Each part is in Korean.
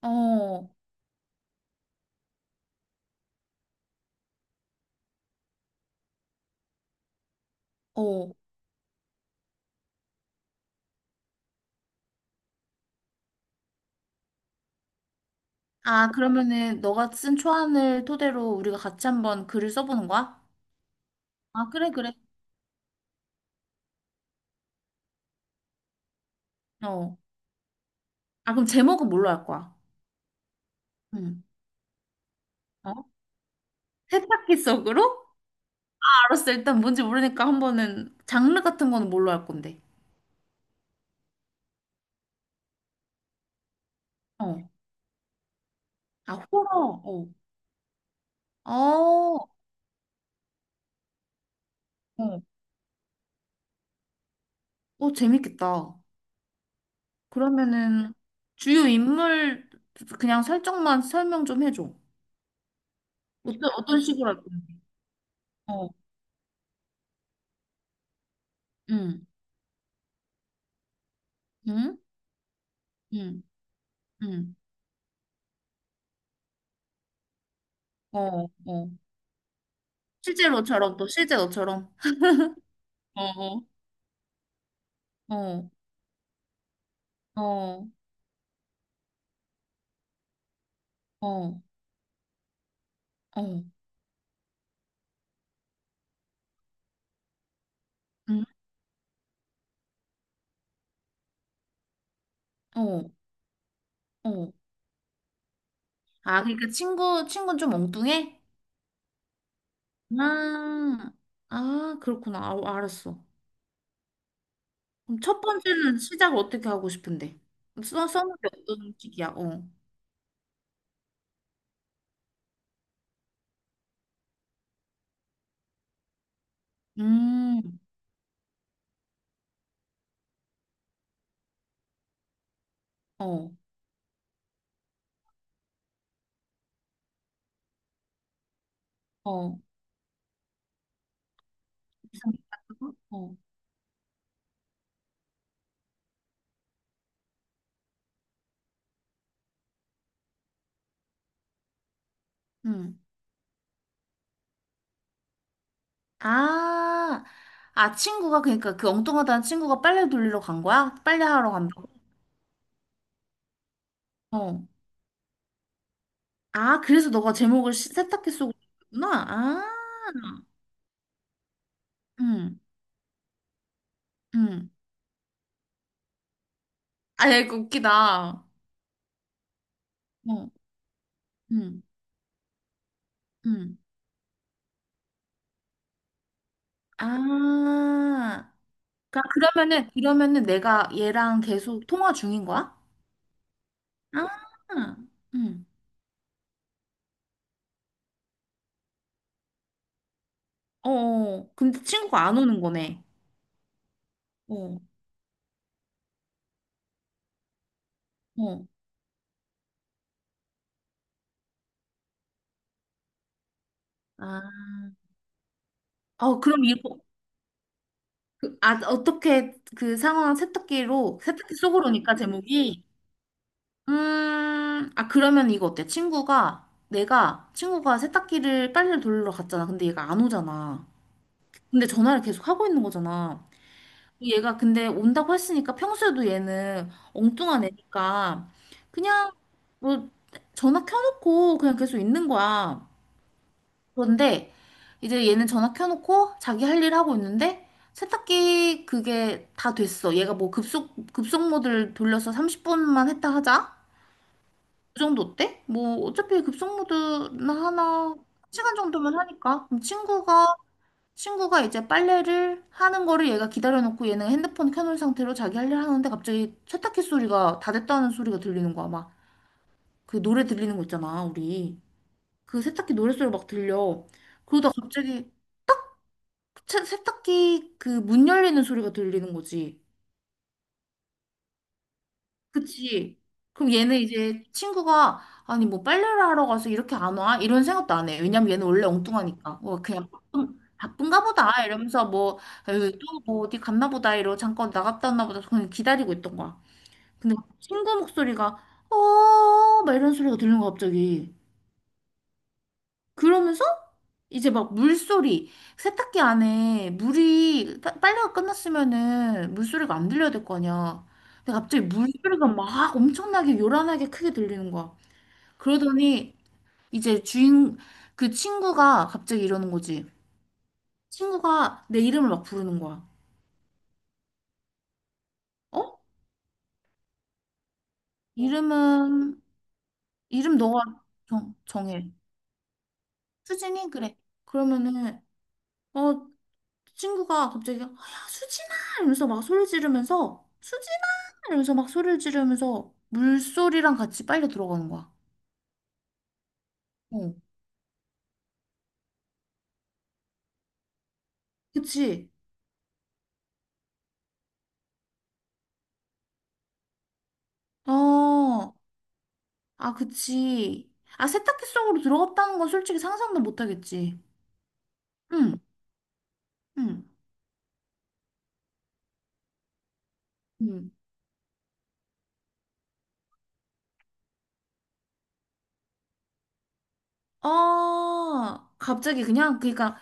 어, 어. 아, 그러면은 너가 쓴 초안을 토대로 우리가 같이 한번 글을 써보는 거야? 아, 그래, 그래. 어. 아, 그럼 제목은 뭘로 할 거야? 응. 어? 세탁기 속으로? 아, 알았어. 일단 뭔지 모르니까 한번은 장르 같은 거는 뭘로 할 건데? 어. 아, 호러. 어. 어. 어. 어, 재밌겠다. 그러면은 주요 인물 그냥 설정만 설명 좀 해줘. 어떤 식으로 할 건데? 어. 응. 응? 응. 응. 어, 어. 실제로처럼. 어, 어, 어, 어, 어, 어, 음, 어, 어. 아, 그러니까 친구는 좀 엉뚱해? 아, 아, 그렇구나. 아, 알았어. 그럼 첫 번째는 시작을 어떻게 하고 싶은데? 써는 게 어떤 식이야? 어. 음, 어, 어. 이상하게 하고? 어, 음. 아, 아, 친구가, 그러니까 그 엉뚱하다는 친구가 빨래 돌리러 간 거야? 빨래 하러 간다고? 어, 아, 그래서 너가 제목을 세탁기 쓰고 있구나. 아, 응, 응. 아, 야, 이거 웃기다. 어, 응, 응. 아, 그러니까 그러면은 내가 얘랑 계속 통화 중인 거야? 아, 응. 어, 어. 근데 친구가 안 오는 거네. 어, 어. 아, 어, 그럼 이거, 아, 어떻게 그 상황 세탁기 속으로니까 제목이? 아, 그러면 이거 어때? 친구가 세탁기를 빨래를 돌리러 갔잖아. 근데 얘가 안 오잖아. 근데 전화를 계속 하고 있는 거잖아. 얘가 근데 온다고 했으니까 평소에도 얘는 엉뚱한 애니까 그냥 뭐 전화 켜놓고 그냥 계속 있는 거야. 그런데 이제 얘는 전화 켜놓고 자기 할 일 하고 있는데 세탁기 그게 다 됐어. 얘가 뭐 급속 모드를 돌려서 30분만 했다 하자. 그 정도 때? 뭐 어차피 급속모드나 하나 시간 정도면 하니까 그럼 친구가 이제 빨래를 하는 거를 얘가 기다려놓고 얘는 핸드폰 켜놓은 상태로 자기 할 일 하는데 갑자기 세탁기 소리가 다 됐다는 소리가 들리는 거야 막. 그 노래 들리는 거 있잖아 우리 그 세탁기 노래 소리 막 들려. 그러다 갑자기 세탁기 그 문 열리는 소리가 들리는 거지. 그치. 그럼 얘는 이제 친구가 아니 뭐 빨래를 하러 가서 이렇게 안 와? 이런 생각도 안 해. 왜냐면 얘는 원래 엉뚱하니까. 뭐 그냥 바쁜가 보다 이러면서 뭐 또뭐 어디 갔나 보다 이러고 잠깐 나갔다 왔나 보다 그냥 기다리고 있던 거야. 근데 친구 목소리가 어 막 이런 소리가 들리는 거야 갑자기. 그러면서 이제 막 물소리, 세탁기 안에 빨래가 끝났으면은 물소리가 안 들려야 될 거 아니야. 근데 갑자기 물소리가 막 엄청나게 요란하게 크게 들리는 거야. 그러더니 이제 주인 그 친구가 갑자기 이러는 거지. 친구가 내 이름을 막 부르는 거야. 어? 어. 이름은 이름 너가 정해. 수진이? 그래. 그러면은 어 친구가 갑자기 야 수진아 이러면서 막 소리 지르면서 수진아 이러면서 막 소리를 지르면서 물소리랑 같이 빨려 들어가는 거야. 어, 그치? 어, 아, 그치. 아, 세탁기 속으로 들어갔다는 건 솔직히 상상도 못 하겠지. 응, 응, 응. 어, 갑자기 그냥, 그러니까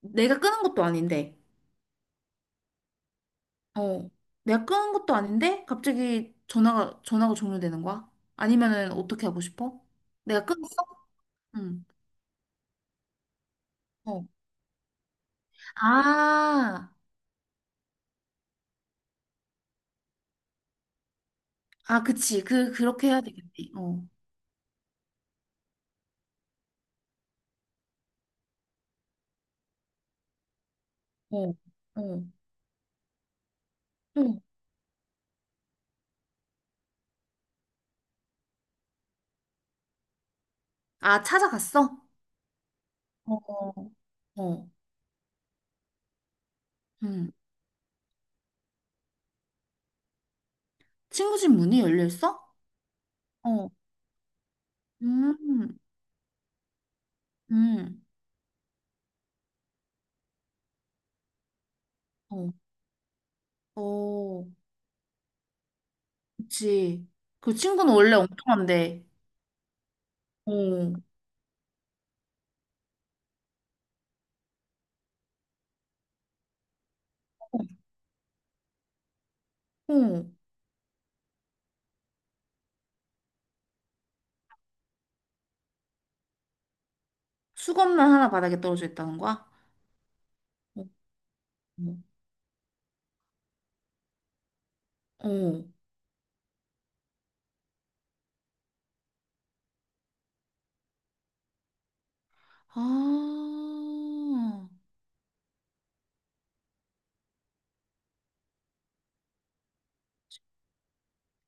내가 끄는 것도 아닌데, 어, 내가 끄는 것도 아닌데, 갑자기 전화가 종료되는 거야? 아니면은 어떻게 하고 싶어? 내가 끊었어? 응. 어. 아, 아, 그치. 그렇게 해야 되겠네. 어, 어, 어. 응. 아, 찾아갔어? 어, 어, 어. 음. 친구 집 문이 열려 있어? 어, 음, 음, 어, 어, 그치. 그 친구는 원래 엉뚱한데, 어, 어, 수건만 하나 바닥에 떨어져 있다는 거야? 어, 어, 어. 아,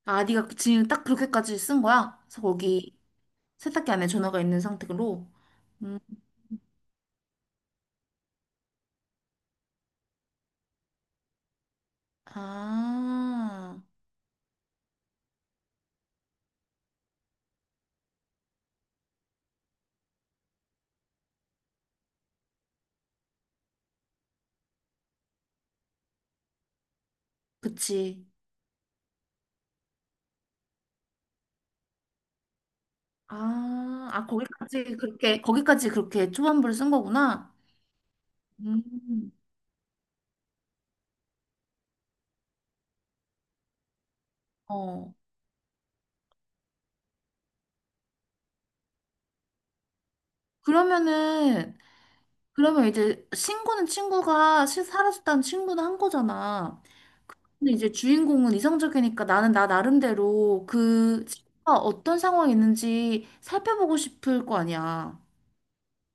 아, 네가 지금 딱 그렇게까지 쓴 거야? 그래서 거기 세탁기 안에 전화가 있는 상태로. 음, 아, 그치. 아, 거기까지 그렇게 초반부를 쓴 거구나. 음, 어. 그러면은, 그러면 이제 친구는 친구가 사라졌다는 친구는 한 거잖아. 근데 이제 주인공은 이성적이니까 나는 나 나름대로 그 친구가 어떤 상황이 있는지 살펴보고 싶을 거 아니야.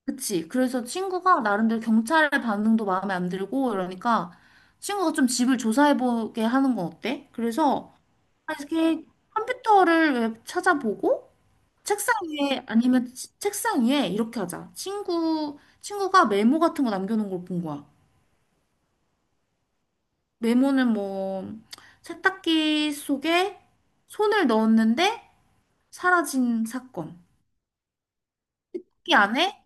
그치. 그래서 친구가 나름대로 경찰의 반응도 마음에 안 들고 이러니까 친구가 좀 집을 조사해보게 하는 건 어때? 그래서 이렇게 컴퓨터를 왜 찾아보고 책상 위에 이렇게 하자. 친구가 메모 같은 거 남겨놓은 걸 본 거야. 메모는 뭐 세탁기 속에 손을 넣었는데 사라진 사건. 이 안에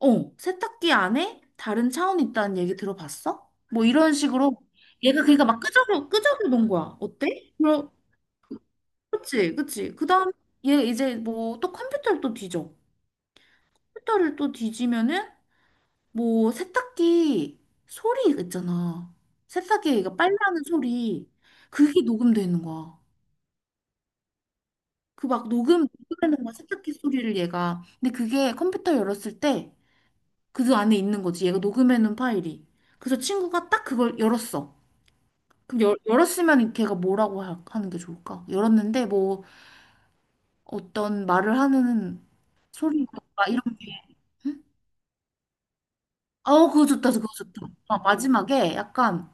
어, 세탁기 안에 다른 차원이 있다는 얘기 들어봤어? 뭐 이런 식으로 얘가 그러니까 막 끄적여 놓은 거야. 어때? 그럼 그치. 그다음 얘 이제 뭐 또 컴퓨터를 또 뒤져. 컴퓨터를 또 뒤지면은 뭐 세탁기 소리 있잖아. 세탁기에 얘가 빨래하는 소리 그게 녹음돼 있는 거야. 그 막 녹음하는 거야 세탁기 소리를 얘가. 근데 그게 컴퓨터 열었을 때 그 안에 있는 거지. 얘가 녹음해놓은 파일이. 그래서 친구가 딱 그걸 열었어. 그럼 열었으면 걔가 뭐라고 하, 는게 좋을까? 열었는데 뭐 어떤 말을 하는 소리가 이런 게 응? 아우 그거 좋다. 아, 마지막에 약간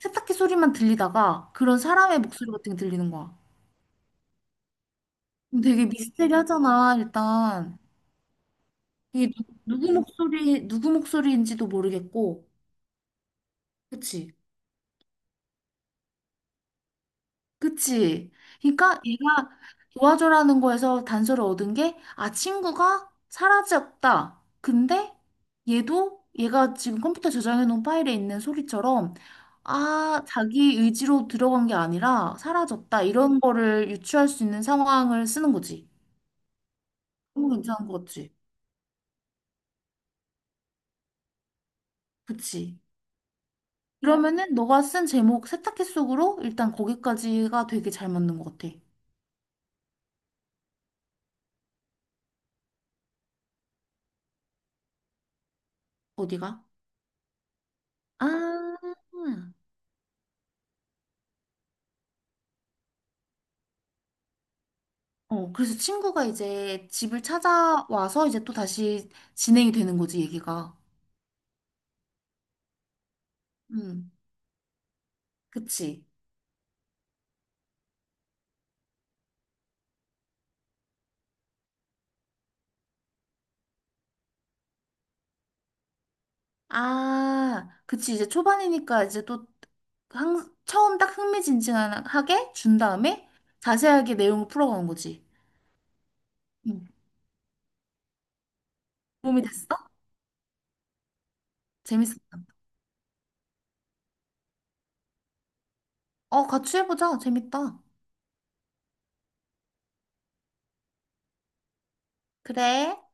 세탁기 소리만 들리다가 그런 사람의 목소리 같은 게 들리는 거야. 그럼 되게 미스테리하잖아 일단. 이게 누구 목소리 누구 목소리인지도 모르겠고 그치? 그치? 그러니까 얘가 도와줘라는 거에서 단서를 얻은 게, 아, 친구가 사라졌다. 근데 얘도 얘가 지금 컴퓨터 저장해 놓은 파일에 있는 소리처럼, 아, 자기 의지로 들어간 게 아니라 사라졌다. 이런 거를 유추할 수 있는 상황을 쓰는 거지. 너무 괜찮은 거 같지? 그치? 그러면은 너가 쓴 제목 세탁기 속으로 일단 거기까지가 되게 잘 맞는 것 같아. 어디가? 아. 어, 그래서 친구가 이제 집을 찾아와서 이제 또 다시 진행이 되는 거지, 얘기가. 음, 그치. 아, 그치. 이제 초반이니까 이제 또 처음 딱 흥미진진하게 준 다음에 자세하게 내용을 풀어가는 거지. 음, 도움이 됐어? 재밌었다. 어, 같이 해보자. 재밌다. 그래.